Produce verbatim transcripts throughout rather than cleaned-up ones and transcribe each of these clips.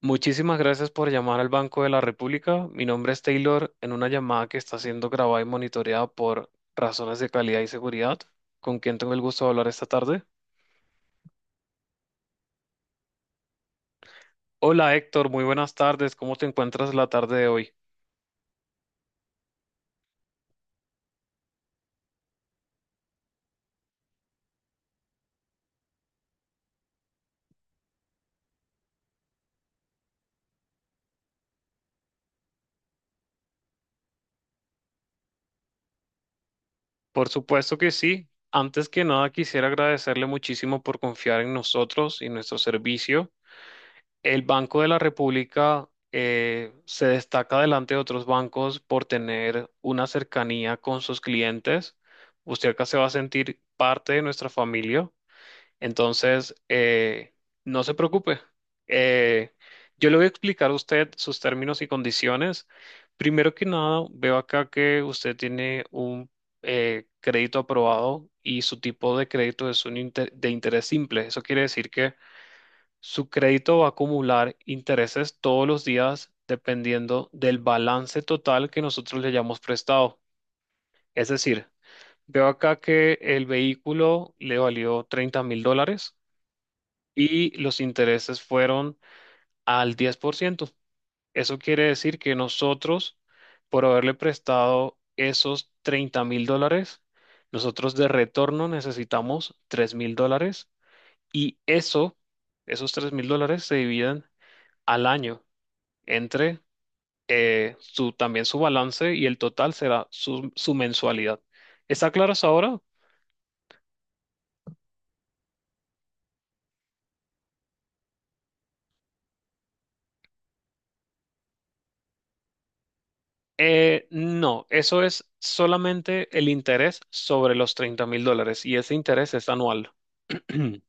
Muchísimas gracias por llamar al Banco de la República. Mi nombre es Taylor en una llamada que está siendo grabada y monitoreada por razones de calidad y seguridad. ¿Con quién tengo el gusto de hablar esta tarde? Hola Héctor, muy buenas tardes. ¿Cómo te encuentras la tarde de hoy? Por supuesto que sí. Antes que nada, quisiera agradecerle muchísimo por confiar en nosotros y nuestro servicio. El Banco de la República eh, se destaca delante de otros bancos por tener una cercanía con sus clientes. Usted acá se va a sentir parte de nuestra familia. Entonces, eh, no se preocupe. Eh, yo le voy a explicar a usted sus términos y condiciones. Primero que nada, veo acá que usted tiene un eh, crédito aprobado y su tipo de crédito es un inte- de interés simple. Eso quiere decir que su crédito va a acumular intereses todos los días dependiendo del balance total que nosotros le hayamos prestado. Es decir, veo acá que el vehículo le valió treinta mil dólares y los intereses fueron al diez por ciento. Eso quiere decir que nosotros, por haberle prestado esos treinta mil dólares, nosotros de retorno necesitamos tres mil dólares y eso, esos tres mil dólares se dividen al año, entre eh, su, también su balance, y el total será su, su mensualidad. ¿Está claro hasta ahora? Eh, no, eso es solamente el interés sobre los treinta mil dólares y ese interés es anual.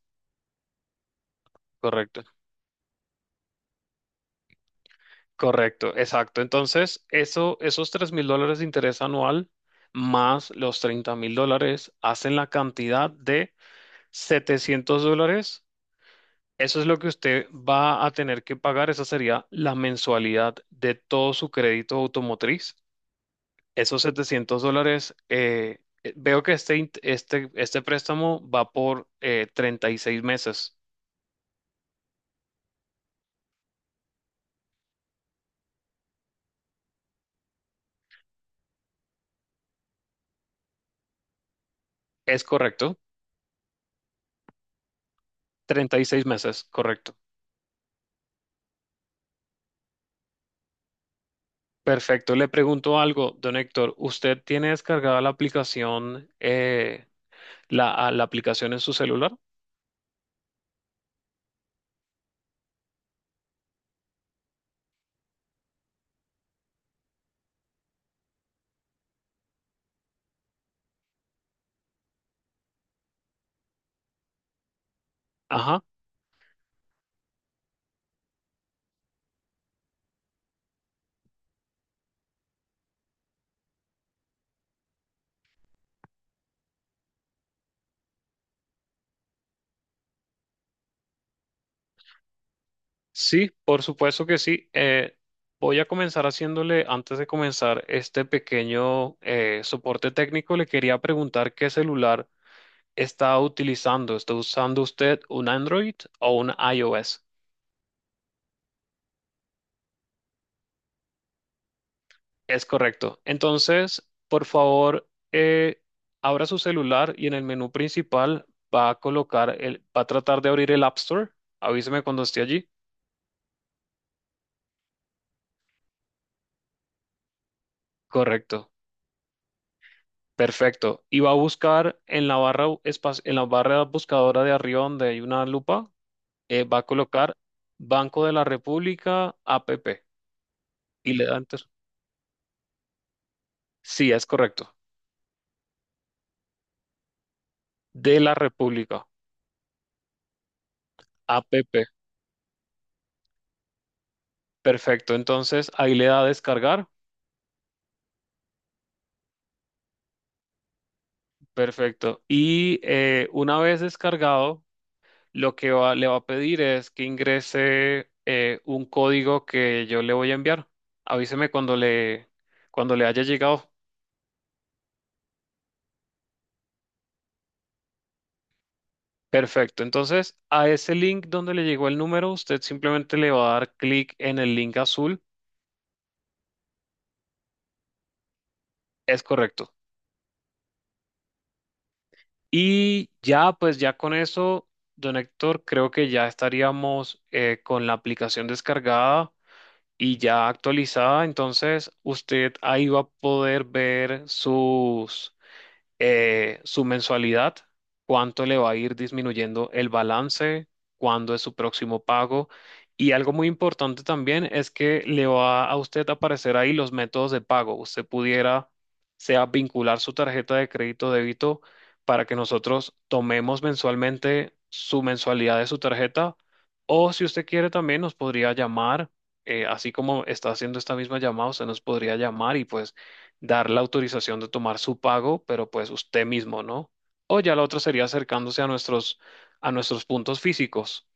Correcto, correcto, exacto. Entonces, eso, esos tres mil dólares de interés anual más los treinta mil dólares hacen la cantidad de setecientos dólares. Eso es lo que usted va a tener que pagar, esa sería la mensualidad de todo su crédito automotriz. Esos setecientos dólares, eh, eh, veo que este, int- este, este préstamo va por eh, treinta y seis meses, ¿es correcto? Treinta y seis meses, correcto. Perfecto, le pregunto algo, don Héctor, ¿usted tiene descargada la aplicación eh, la, a la aplicación en su celular? Ajá, sí, por supuesto que sí. Eh, voy a comenzar haciéndole, antes de comenzar este pequeño eh, soporte técnico, le quería preguntar qué celular está utilizando. ¿Está usando usted un Android o un iOS? Es correcto. Entonces, por favor, eh, abra su celular y en el menú principal va a colocar el, va a tratar de abrir el App Store. Avíseme cuando esté allí. Correcto. Perfecto. Y va a buscar en la barra u- espac- en la barra buscadora de arriba donde hay una lupa, eh, va a colocar Banco de la República app y le da enter. Sí, es correcto. De la República app. Perfecto. Entonces, ahí le da a descargar. Perfecto. Y eh, una vez descargado, lo que va- le va a pedir es que ingrese eh, un código que yo le voy a enviar. Avíseme cuando le, cuando le haya llegado. Perfecto. Entonces, a ese link donde le llegó el número, usted simplemente le va a dar clic en el link azul. Es correcto. Y ya, pues ya con eso, don Héctor, creo que ya estaríamos eh, con la aplicación descargada y ya actualizada. Entonces usted ahí va a poder ver sus, eh, su mensualidad, cuánto le va a ir disminuyendo el balance, cuándo es su próximo pago. Y algo muy importante también es que le va a usted aparecer ahí los métodos de pago. Usted pudiera, sea vincular su tarjeta de crédito o débito para que nosotros tomemos mensualmente su mensualidad de su tarjeta. O si usted quiere también nos podría llamar, eh, así como está haciendo esta misma llamada, usted nos podría llamar y pues dar la autorización de tomar su pago, pero pues usted mismo, ¿no? O ya la otra sería acercándose a nuestros, a nuestros puntos físicos.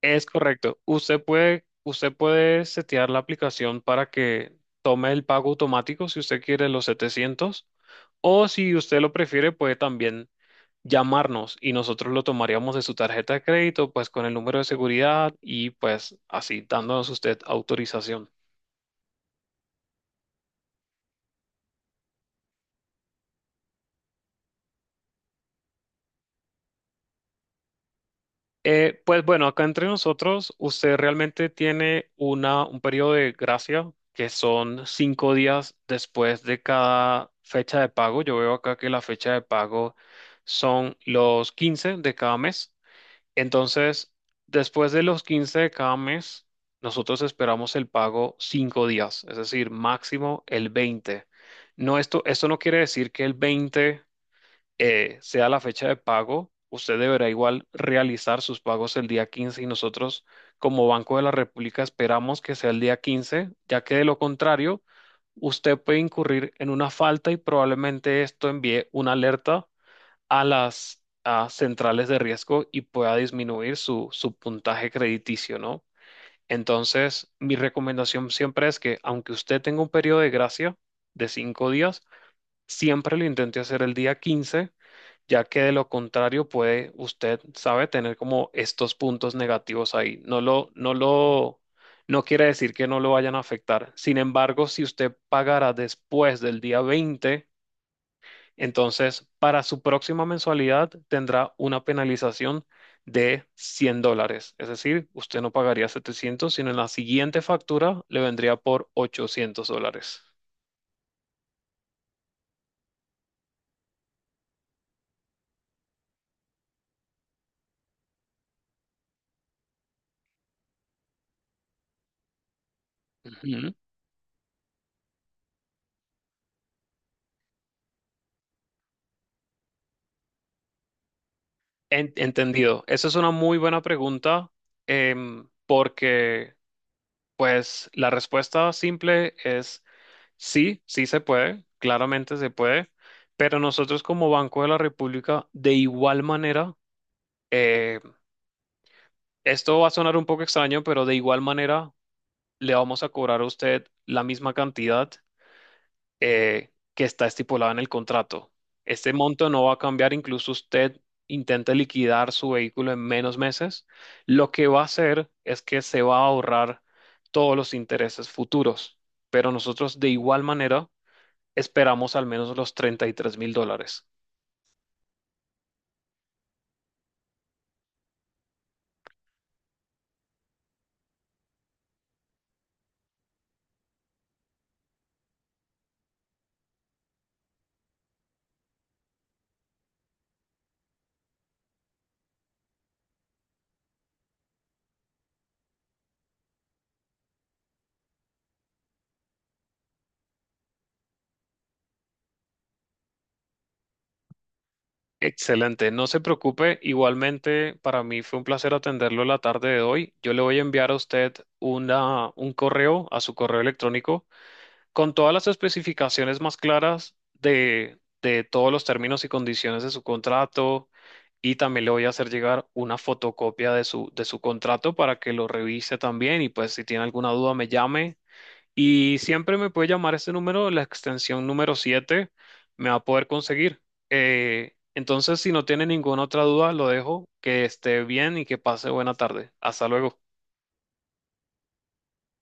Es correcto. Usted puede, usted puede setear la aplicación para que tome el pago automático si usted quiere los setecientos, o si usted lo prefiere puede también llamarnos y nosotros lo tomaríamos de su tarjeta de crédito, pues con el número de seguridad y pues así dándonos usted autorización. Eh, pues bueno, acá entre nosotros, usted realmente tiene una, un periodo de gracia que son cinco días después de cada fecha de pago. Yo veo acá que la fecha de pago son los quince de cada mes. Entonces, después de los quince de cada mes, nosotros esperamos el pago cinco días, es decir, máximo el veinte. No, esto, esto no quiere decir que el veinte eh, sea la fecha de pago, usted deberá igual realizar sus pagos el día quince y nosotros como Banco de la República esperamos que sea el día quince, ya que de lo contrario, usted puede incurrir en una falta y probablemente esto envíe una alerta a las a centrales de riesgo y pueda disminuir su, su puntaje crediticio, ¿no? Entonces, mi recomendación siempre es que aunque usted tenga un periodo de gracia de cinco días, siempre lo intente hacer el día quince, ya que de lo contrario puede usted, sabe, tener como estos puntos negativos ahí. No lo, no lo, no quiere decir que no lo vayan a afectar. Sin embargo, si usted pagara después del día veinte, entonces para su próxima mensualidad tendrá una penalización de cien dólares. Es decir, usted no pagaría setecientos sino en la siguiente factura le vendría por ochocientos dólares. Ujú. En- entendido. Esa es una muy buena pregunta. em, porque pues la respuesta simple es sí, sí se puede, claramente se puede, pero nosotros como Banco de la República, de igual manera, eh, esto va a sonar un poco extraño, pero de igual manera le vamos a cobrar a usted la misma cantidad eh, que está estipulado en el contrato. Este monto no va a cambiar incluso usted intente liquidar su vehículo en menos meses. Lo que va a hacer es que se va a ahorrar todos los intereses futuros, pero nosotros de igual manera esperamos al menos los treinta y tres mil dólares. Excelente, no se preocupe. Igualmente, para mí fue un placer atenderlo la tarde de hoy. Yo le voy a enviar a usted una, un correo a su correo electrónico con todas las especificaciones más claras de, de todos los términos y condiciones de su contrato, y también le voy a hacer llegar una fotocopia de su, de su contrato para que lo revise también y pues si tiene alguna duda me llame, y siempre me puede llamar este número, la extensión número siete me va a poder conseguir. Eh, entonces, si no tiene ninguna otra duda, lo dejo, que esté bien y que pase buena tarde. Hasta luego.